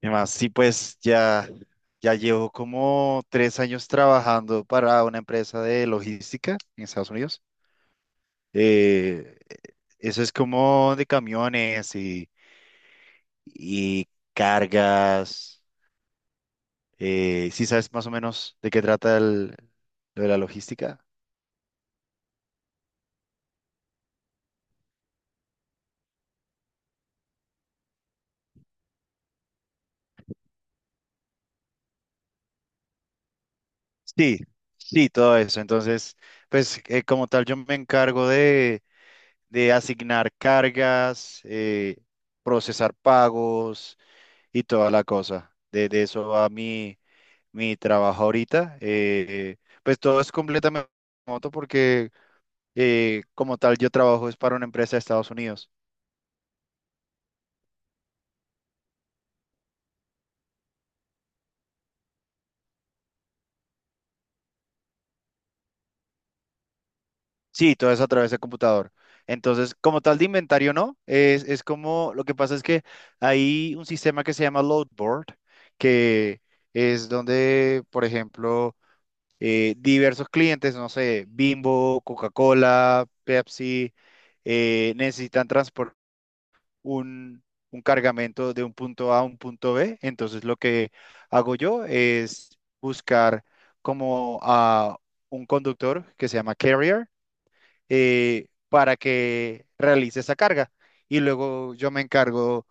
Y más, sí, pues ya, llevo como 3 años trabajando para una empresa de logística en Estados Unidos. Eh, Eso es como de camiones y cargas. ¿Sí sabes más o menos de qué trata lo de la logística? Sí, sí, todo eso. Entonces, pues como tal, yo me encargo de asignar cargas, procesar pagos y toda la cosa. De eso va mi trabajo ahorita. Pues todo es completamente remoto porque como tal yo trabajo es para una empresa de Estados Unidos. Sí, todo es a través de computador. Entonces, como tal de inventario, no, es como, lo que pasa es que hay un sistema que se llama Loadboard, que es donde, por ejemplo, diversos clientes, no sé, Bimbo, Coca-Cola, Pepsi, necesitan transporte un, un cargamento de un punto A a un punto B. Entonces lo que hago yo es buscar como a un conductor que se llama carrier, para que realice esa carga. Y luego yo me encargo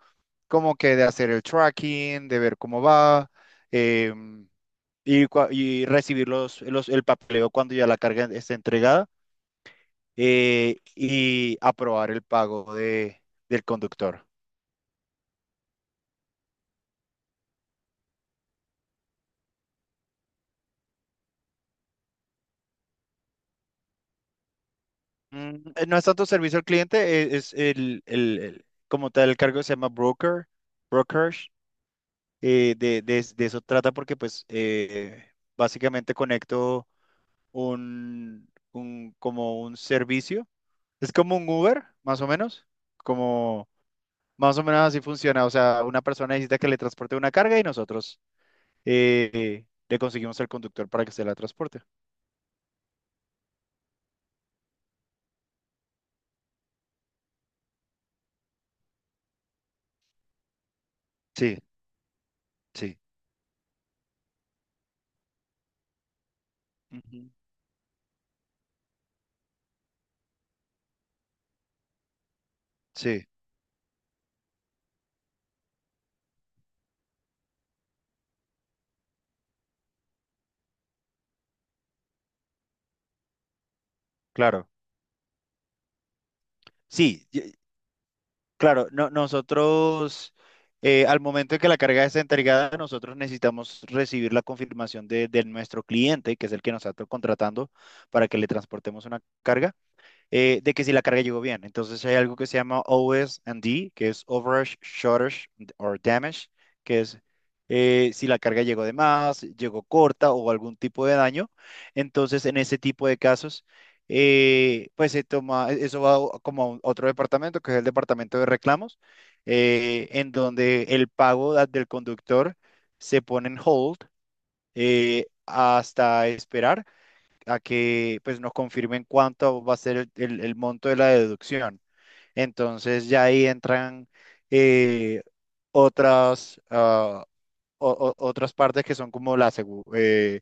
como que de hacer el tracking, de ver cómo va. em, y recibir el papeleo cuando ya la carga esté entregada, y aprobar el pago del conductor. No es tanto servicio al cliente, es como tal el cargo se llama broker, brokerage, de eso trata porque pues básicamente conecto como un servicio, es como un Uber, más o menos, como más o menos así funciona. O sea, una persona necesita que le transporte una carga y nosotros le conseguimos el conductor para que se la transporte. Sí, sí, ujú, sí, claro. Sí, claro, nosotros, al momento en que la carga es entregada, nosotros necesitamos recibir la confirmación de nuestro cliente, que es el que nos está contratando, para que le transportemos una carga, de que si la carga llegó bien. Entonces hay algo que se llama O S and D, que es Overage, Shortage or Damage, que es, si la carga llegó de más, llegó corta o algún tipo de daño. Entonces en ese tipo de casos, pues eso va como a otro departamento, que es el departamento de reclamos, en donde el pago del conductor se pone en hold, hasta esperar a que pues nos confirmen cuánto va a ser el monto de la deducción. Entonces ya ahí entran eh, otras, ah, o- otras partes que son como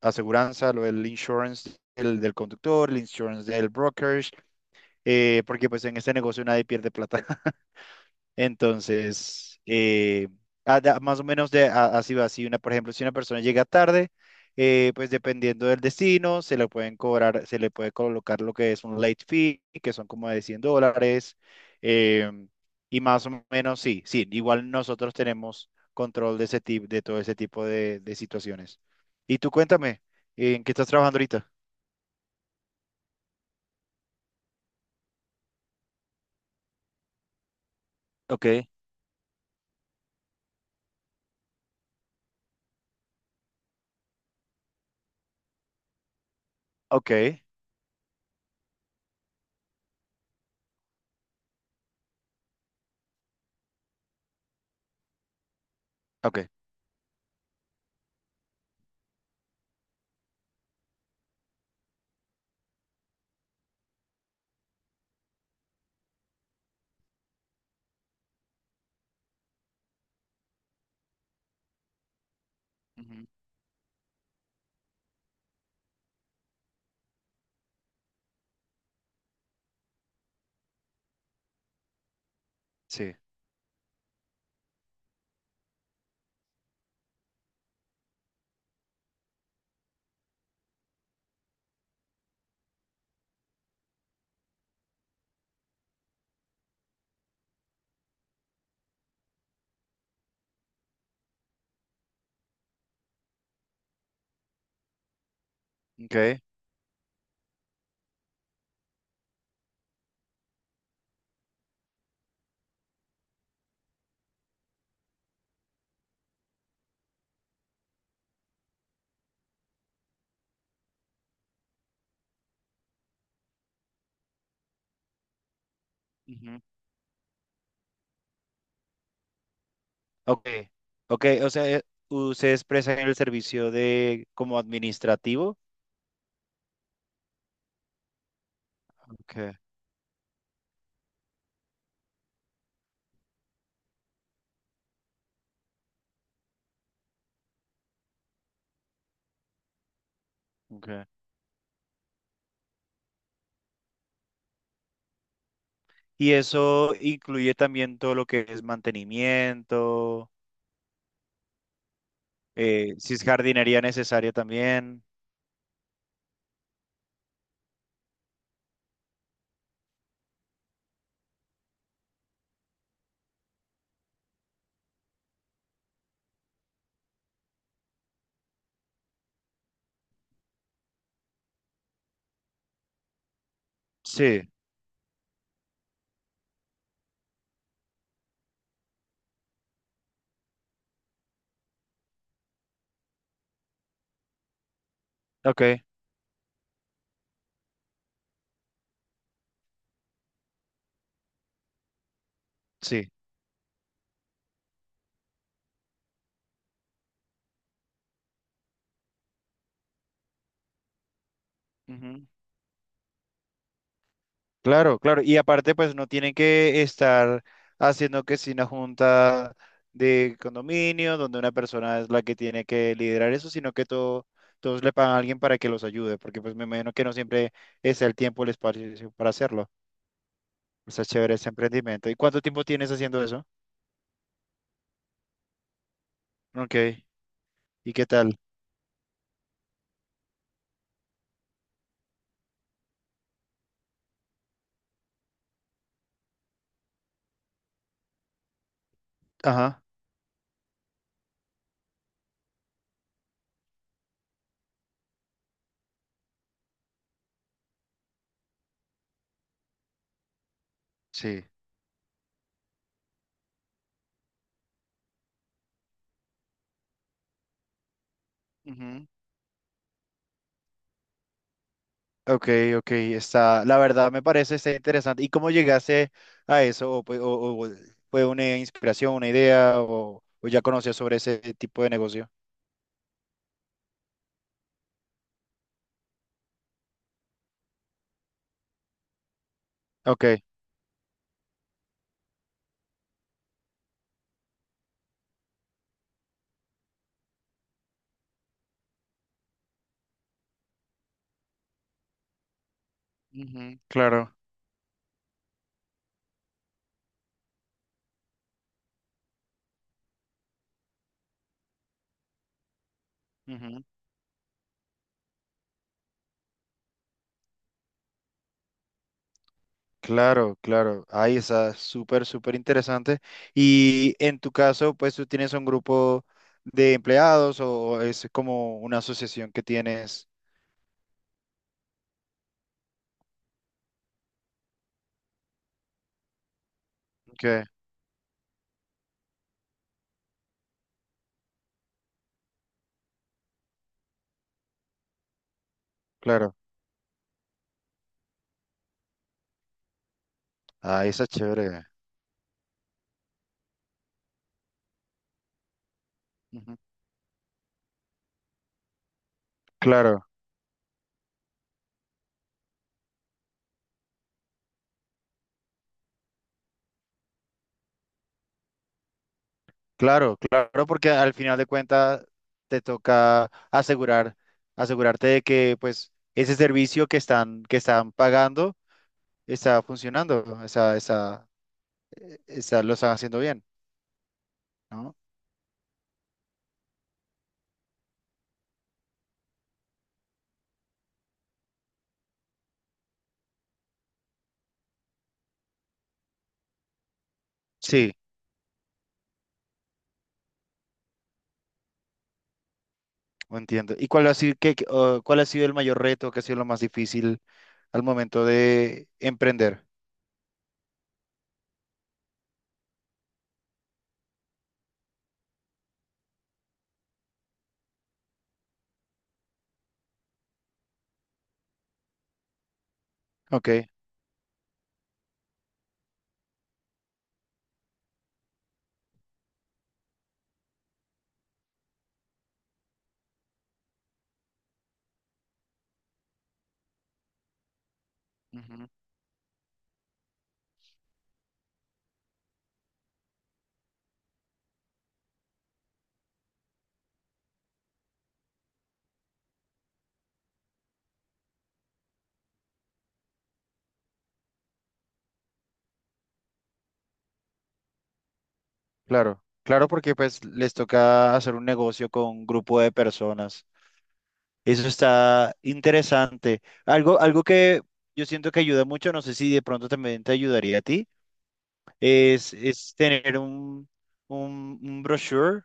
aseguranza, lo del insurance del conductor, el insurance del brokerage, porque pues en este negocio nadie pierde plata. Entonces, más o menos así va. Si una, por ejemplo, si una persona llega tarde, pues dependiendo del destino, se le pueden cobrar, se le puede colocar lo que es un late fee, que son como de $100. em, y más o menos, sí, sí, igual nosotros tenemos control de ese tipo, de todo ese tipo de situaciones. Y tú cuéntame, ¿en qué estás trabajando ahorita? Ok. Ok, ok, ujú, sí, ok. Ok, ok, o sea, ustedes prestan el servicio de como administrativo. Okay, okay. ¿Y eso incluye también todo lo que es mantenimiento, si es jardinería necesaria también? Sí, ok, sí. Claro, claro. Y aparte, pues no tienen que estar haciendo que si una junta de condominio, donde una persona es la que tiene que liderar eso, sino que todo, todos le pagan a alguien para que los ayude, porque pues me imagino que no siempre es el tiempo, el espacio para hacerlo. Está chévere ese emprendimiento. ¿Y cuánto tiempo tienes haciendo eso? Ok. ¿Y qué tal? Ajá. Sí. Ok, ok, está, la verdad me parece está interesante. ¿Y cómo llegaste a eso? ¿O, o fue una inspiración, una idea, o ya conocías sobre ese tipo de negocio? Ok, ujú, claro, ujú, claro, claro. Ahí está, súper, súper interesante. Y en tu caso, pues tú tienes un grupo de empleados, o es como una asociación que tienes. Ok, claro. Ahí está chévere. Ujú, claro. Claro, claro, porque al final de cuentas te toca asegurar, asegurarte de que pues ese servicio que están pagando está funcionando, está, está, lo están haciendo bien, ¿no? Sí, lo entiendo. ¿Y cuál ha sido, qué- qué- o cuál ha sido el mayor reto, qué ha sido lo más difícil al momento de emprender? Ok, ujú, claro, claro, porque pues les toca hacer un negocio con un grupo de personas. Eso está interesante. Algo, algo que yo siento que ayuda mucho, no sé si de pronto también te ayudaría a ti, es tener un brochure,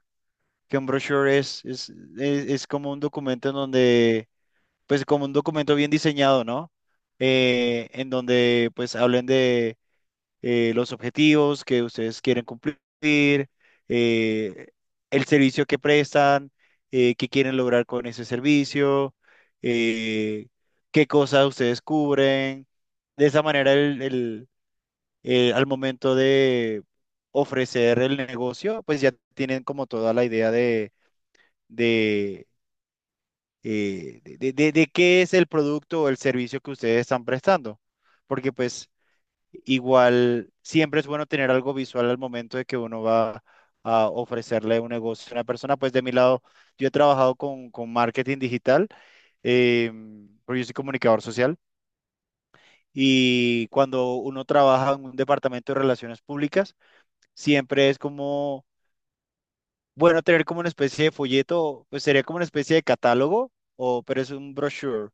que un brochure es como un documento en donde, pues como un documento bien diseñado, ¿no? En donde pues hablen los objetivos que ustedes quieren cumplir, eh, el servicio que prestan, qué quieren lograr con ese servicio, eh, qué cosas ustedes cubren. De esa manera, al momento de ofrecer el negocio, pues ya tienen como toda la idea de, de qué es el producto o el servicio que ustedes están prestando. Porque pues… Igual, siempre es bueno tener algo visual al momento de que uno va a ofrecerle un negocio a una persona. Pues de mi lado, yo he trabajado con marketing digital, eh, porque yo soy comunicador social. Y cuando uno trabaja en un departamento de relaciones públicas, siempre es como, bueno, tener como una especie de folleto, pues sería como una especie de catálogo, o, pero es un brochure,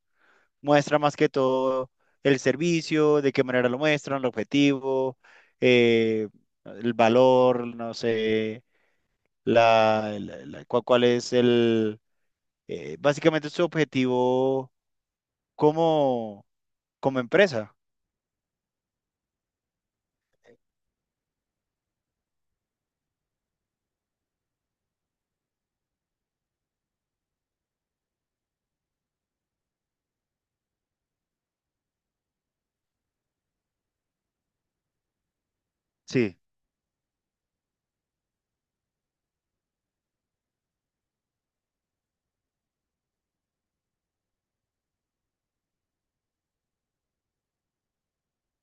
muestra más que todo el servicio, de qué manera lo muestran, el objetivo, eh, el valor, no sé, cuál es el, básicamente su objetivo como, como empresa. Sí,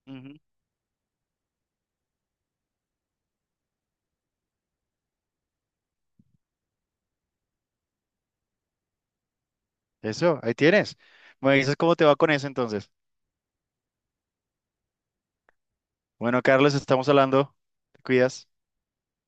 ujú. Eso, ahí tienes. Me dices cómo te va con eso entonces. Bueno, Carlos, estamos hablando. Te cuidas.